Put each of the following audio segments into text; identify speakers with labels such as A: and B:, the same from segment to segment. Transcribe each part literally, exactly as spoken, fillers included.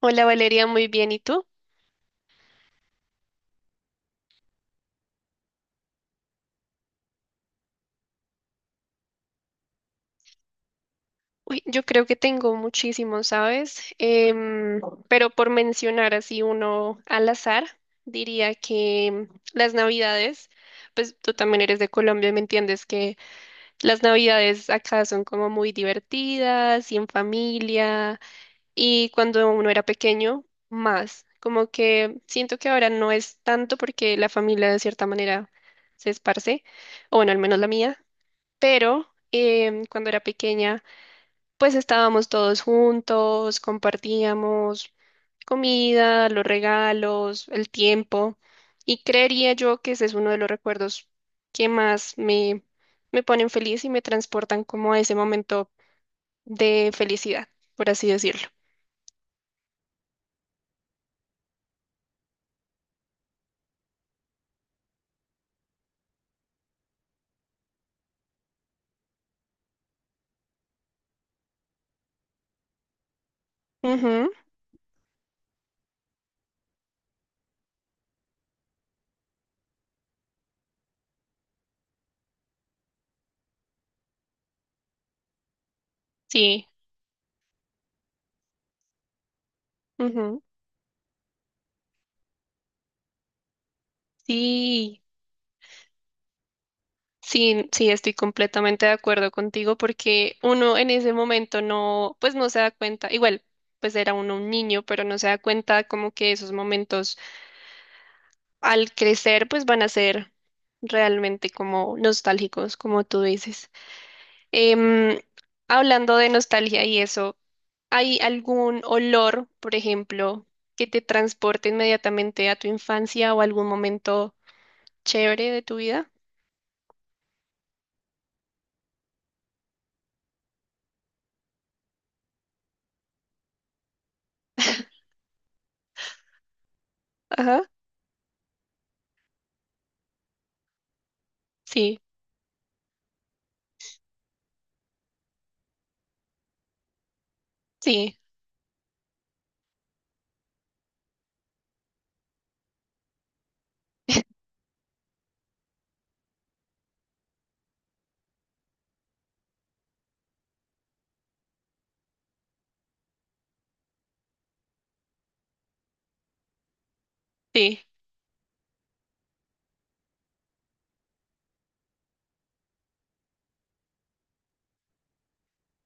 A: Hola Valeria, muy bien. ¿Y tú? Uy, yo creo que tengo muchísimos, ¿sabes? Em, pero por mencionar así uno al azar, diría que las Navidades, pues tú también eres de Colombia y me entiendes que las Navidades acá son como muy divertidas y en familia y cuando uno era pequeño, más. Como que siento que ahora no es tanto porque la familia de cierta manera se esparce, o bueno, al menos la mía. Pero em, cuando era pequeña, pues estábamos todos juntos, compartíamos comida, los regalos, el tiempo, y creería yo que ese es uno de los recuerdos que más me, me ponen feliz y me transportan como a ese momento de felicidad, por así decirlo. Ujú, sí, ujú, sí. Sí, sí, estoy completamente de acuerdo contigo porque uno en ese momento no, pues no se da cuenta, igual, pues era uno un niño, pero no se da cuenta como que esos momentos al crecer pues van a ser realmente como nostálgicos, como tú dices. Em, hablando de nostalgia y eso, ¿hay algún olor, por ejemplo, que te transporte inmediatamente a tu infancia o algún momento chévere de tu vida? Ajá, sí, sí, sí.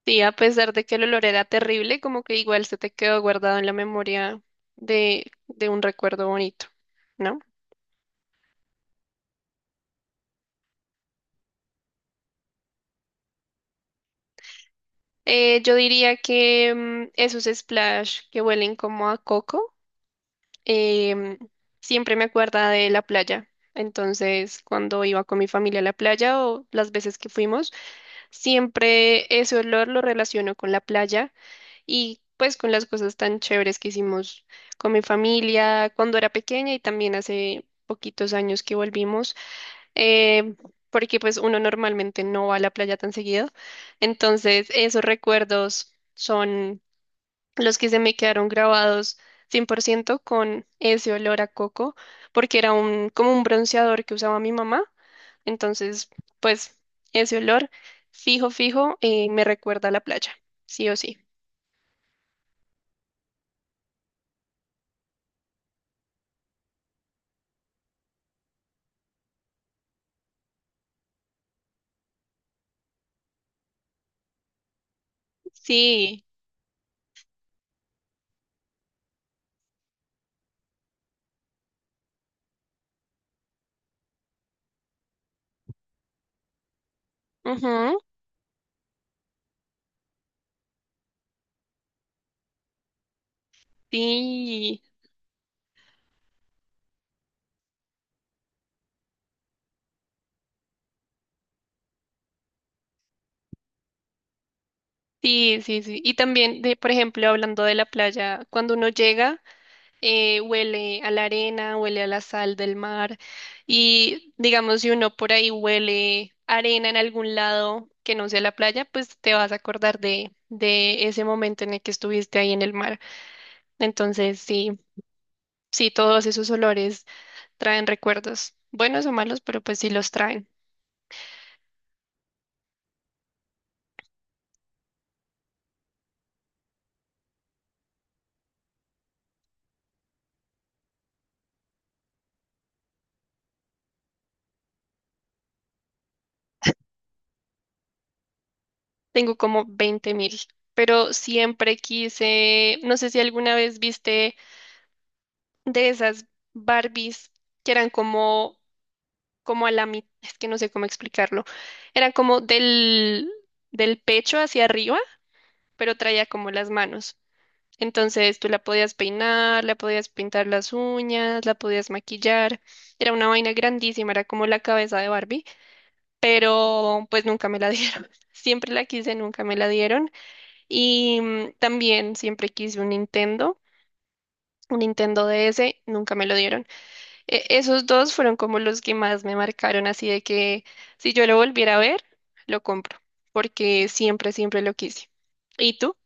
A: Sí, a pesar de que el olor era terrible, como que igual se te quedó guardado en la memoria de, de un recuerdo bonito, ¿no? Eh, yo diría que mm, esos splash que huelen como a coco, em, siempre me acuerda de la playa. Entonces, cuando iba con mi familia a la playa o las veces que fuimos, siempre ese olor lo relaciono con la playa. Y pues con las cosas tan chéveres que hicimos con mi familia cuando era pequeña y también hace poquitos años que volvimos, eh, porque pues uno normalmente no va a la playa tan seguido. Entonces esos recuerdos son los que se me quedaron grabados cien por ciento con ese olor a coco, porque era un, como un bronceador que usaba mi mamá. Entonces, pues ese olor fijo, fijo, eh, me recuerda a la playa, sí o sí. Sí, ujú, sí, sí, sí, sí. Y también, de, por ejemplo, hablando de la playa, cuando uno llega, eh, huele a la arena, huele a la sal del mar y digamos, si uno por ahí huele arena en algún lado que no sea la playa, pues te vas a acordar de, de ese momento en el que estuviste ahí en el mar. Entonces, sí, sí, todos esos olores traen recuerdos, buenos o malos, pero pues sí los traen. Tengo como veinte mil, pero siempre quise, no sé si alguna vez viste de esas Barbies que eran como, como a la mitad, es que no sé cómo explicarlo, eran como del, del pecho hacia arriba, pero traía como las manos. Entonces tú la podías peinar, la podías pintar las uñas, la podías maquillar. Era una vaina grandísima, era como la cabeza de Barbie, pero pues nunca me la dieron. Siempre la quise, nunca me la dieron. Y mm, también siempre quise un Nintendo, un Nintendo D S, nunca me lo dieron. E- esos dos fueron como los que más me marcaron, así de que si yo lo volviera a ver, lo compro, porque siempre, siempre lo quise. ¿Y tú?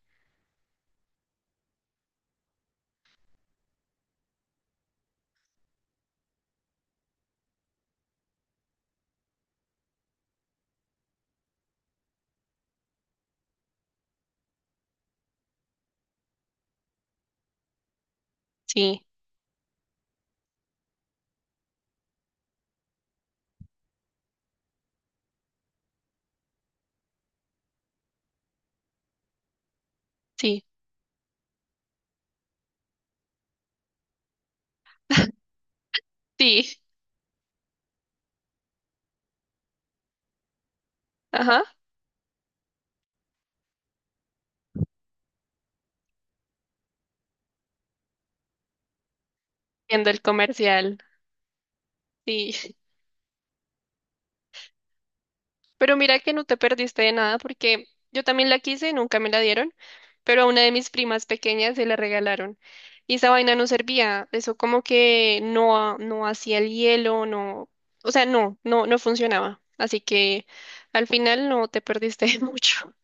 A: Sí, sí, sí, ajá, viendo el comercial, sí. Pero mira que no te perdiste de nada porque yo también la quise, nunca me la dieron, pero a una de mis primas pequeñas se la regalaron. Y esa vaina no servía, eso como que no, ha- no hacía el hielo, no, o sea, no, no, no funcionaba. Así que al final no te perdiste de mucho.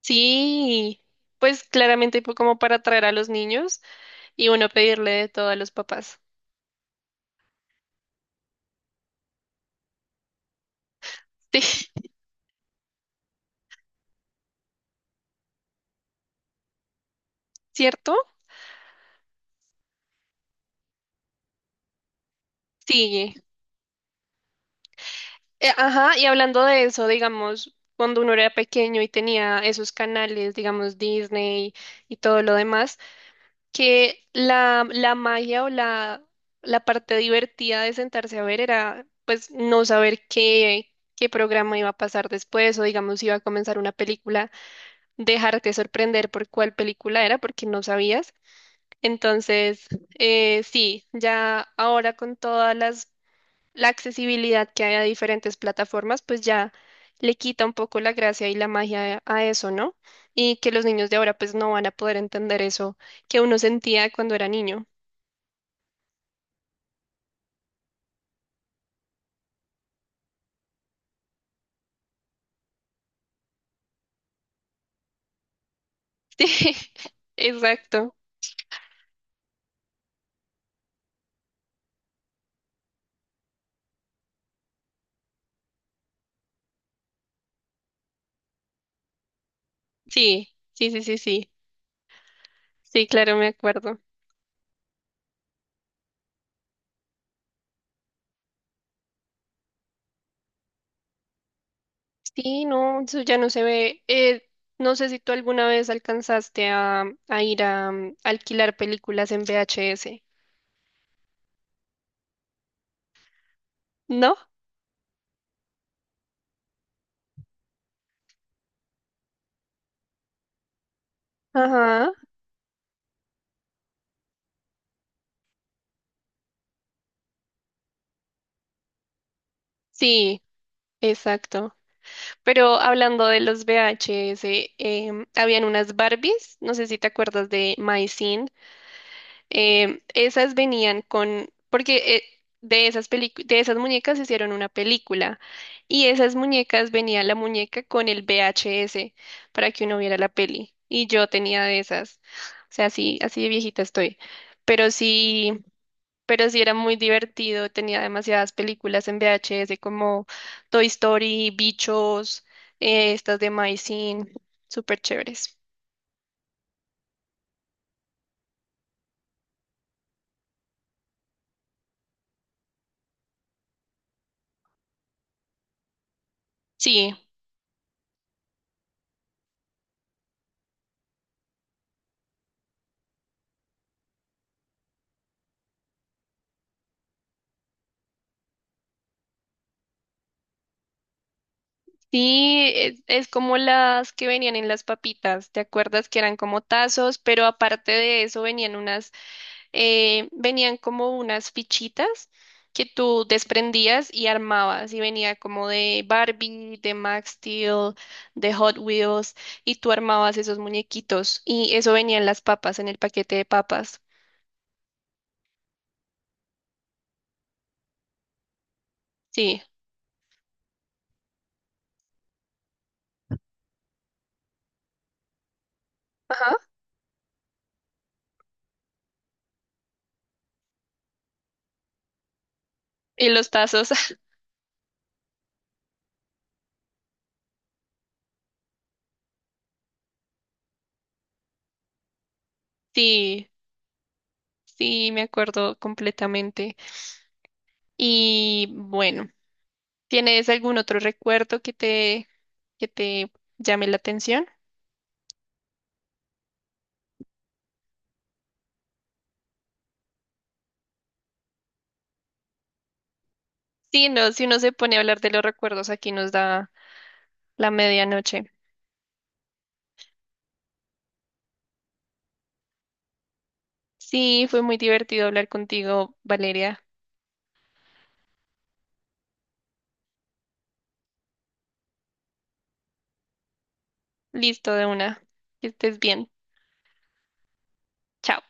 A: Sí, pues claramente fue como para atraer a los niños y uno pedirle de todo a los papás. Sí, ¿cierto? Sigue. Eh, ajá, y hablando de eso, digamos, cuando uno era pequeño y tenía esos canales, digamos, Disney y todo lo demás, que la, la magia o la, la parte divertida de sentarse a ver era, pues, no saber qué, qué programa iba a pasar después o, digamos, si iba a comenzar una película, dejarte sorprender por cuál película era porque no sabías. Entonces, eh, sí, ya ahora con todas las la accesibilidad que hay a diferentes plataformas, pues ya le quita un poco la gracia y la magia a eso, ¿no? Y que los niños de ahora pues no van a poder entender eso que uno sentía cuando era niño. Sí, exacto. Sí, sí, sí, sí, sí. Sí, claro, me acuerdo. Sí, no, eso ya no se ve. Eh, no sé si tú alguna vez alcanzaste a, a ir a mm, alquilar películas en V H S, ¿no? Ajá, sí, exacto. Pero hablando de los V H S, em, habían unas Barbies, no sé si te acuerdas de My Scene, em, esas venían con, porque eh, de esas pelicu- de esas muñecas hicieron una película y esas muñecas venía la muñeca con el V H S para que uno viera la peli y yo tenía de esas, o sea, así, así de viejita estoy, pero sí pero sí era muy divertido, tenía demasiadas películas en V H S como Toy Story, Bichos, eh, estas de My Scene, súper chéveres. Sí, sí, es, es como las que venían en las papitas, ¿te acuerdas que eran como tazos? Pero aparte de eso venían unas eh, venían como unas fichitas que tú desprendías y armabas y venía como de Barbie, de Max Steel, de Hot Wheels y tú armabas esos muñequitos y eso venía en las papas, en el paquete de papas. Sí. Ajá. Y los tazos. Sí, sí, me acuerdo completamente. Y bueno, ¿tienes algún otro recuerdo que te que te llame la atención? Sí, no, si uno se pone a hablar de los recuerdos, aquí nos da la medianoche. Sí, fue muy divertido hablar contigo, Valeria. Listo de una. Que estés bien. Chao.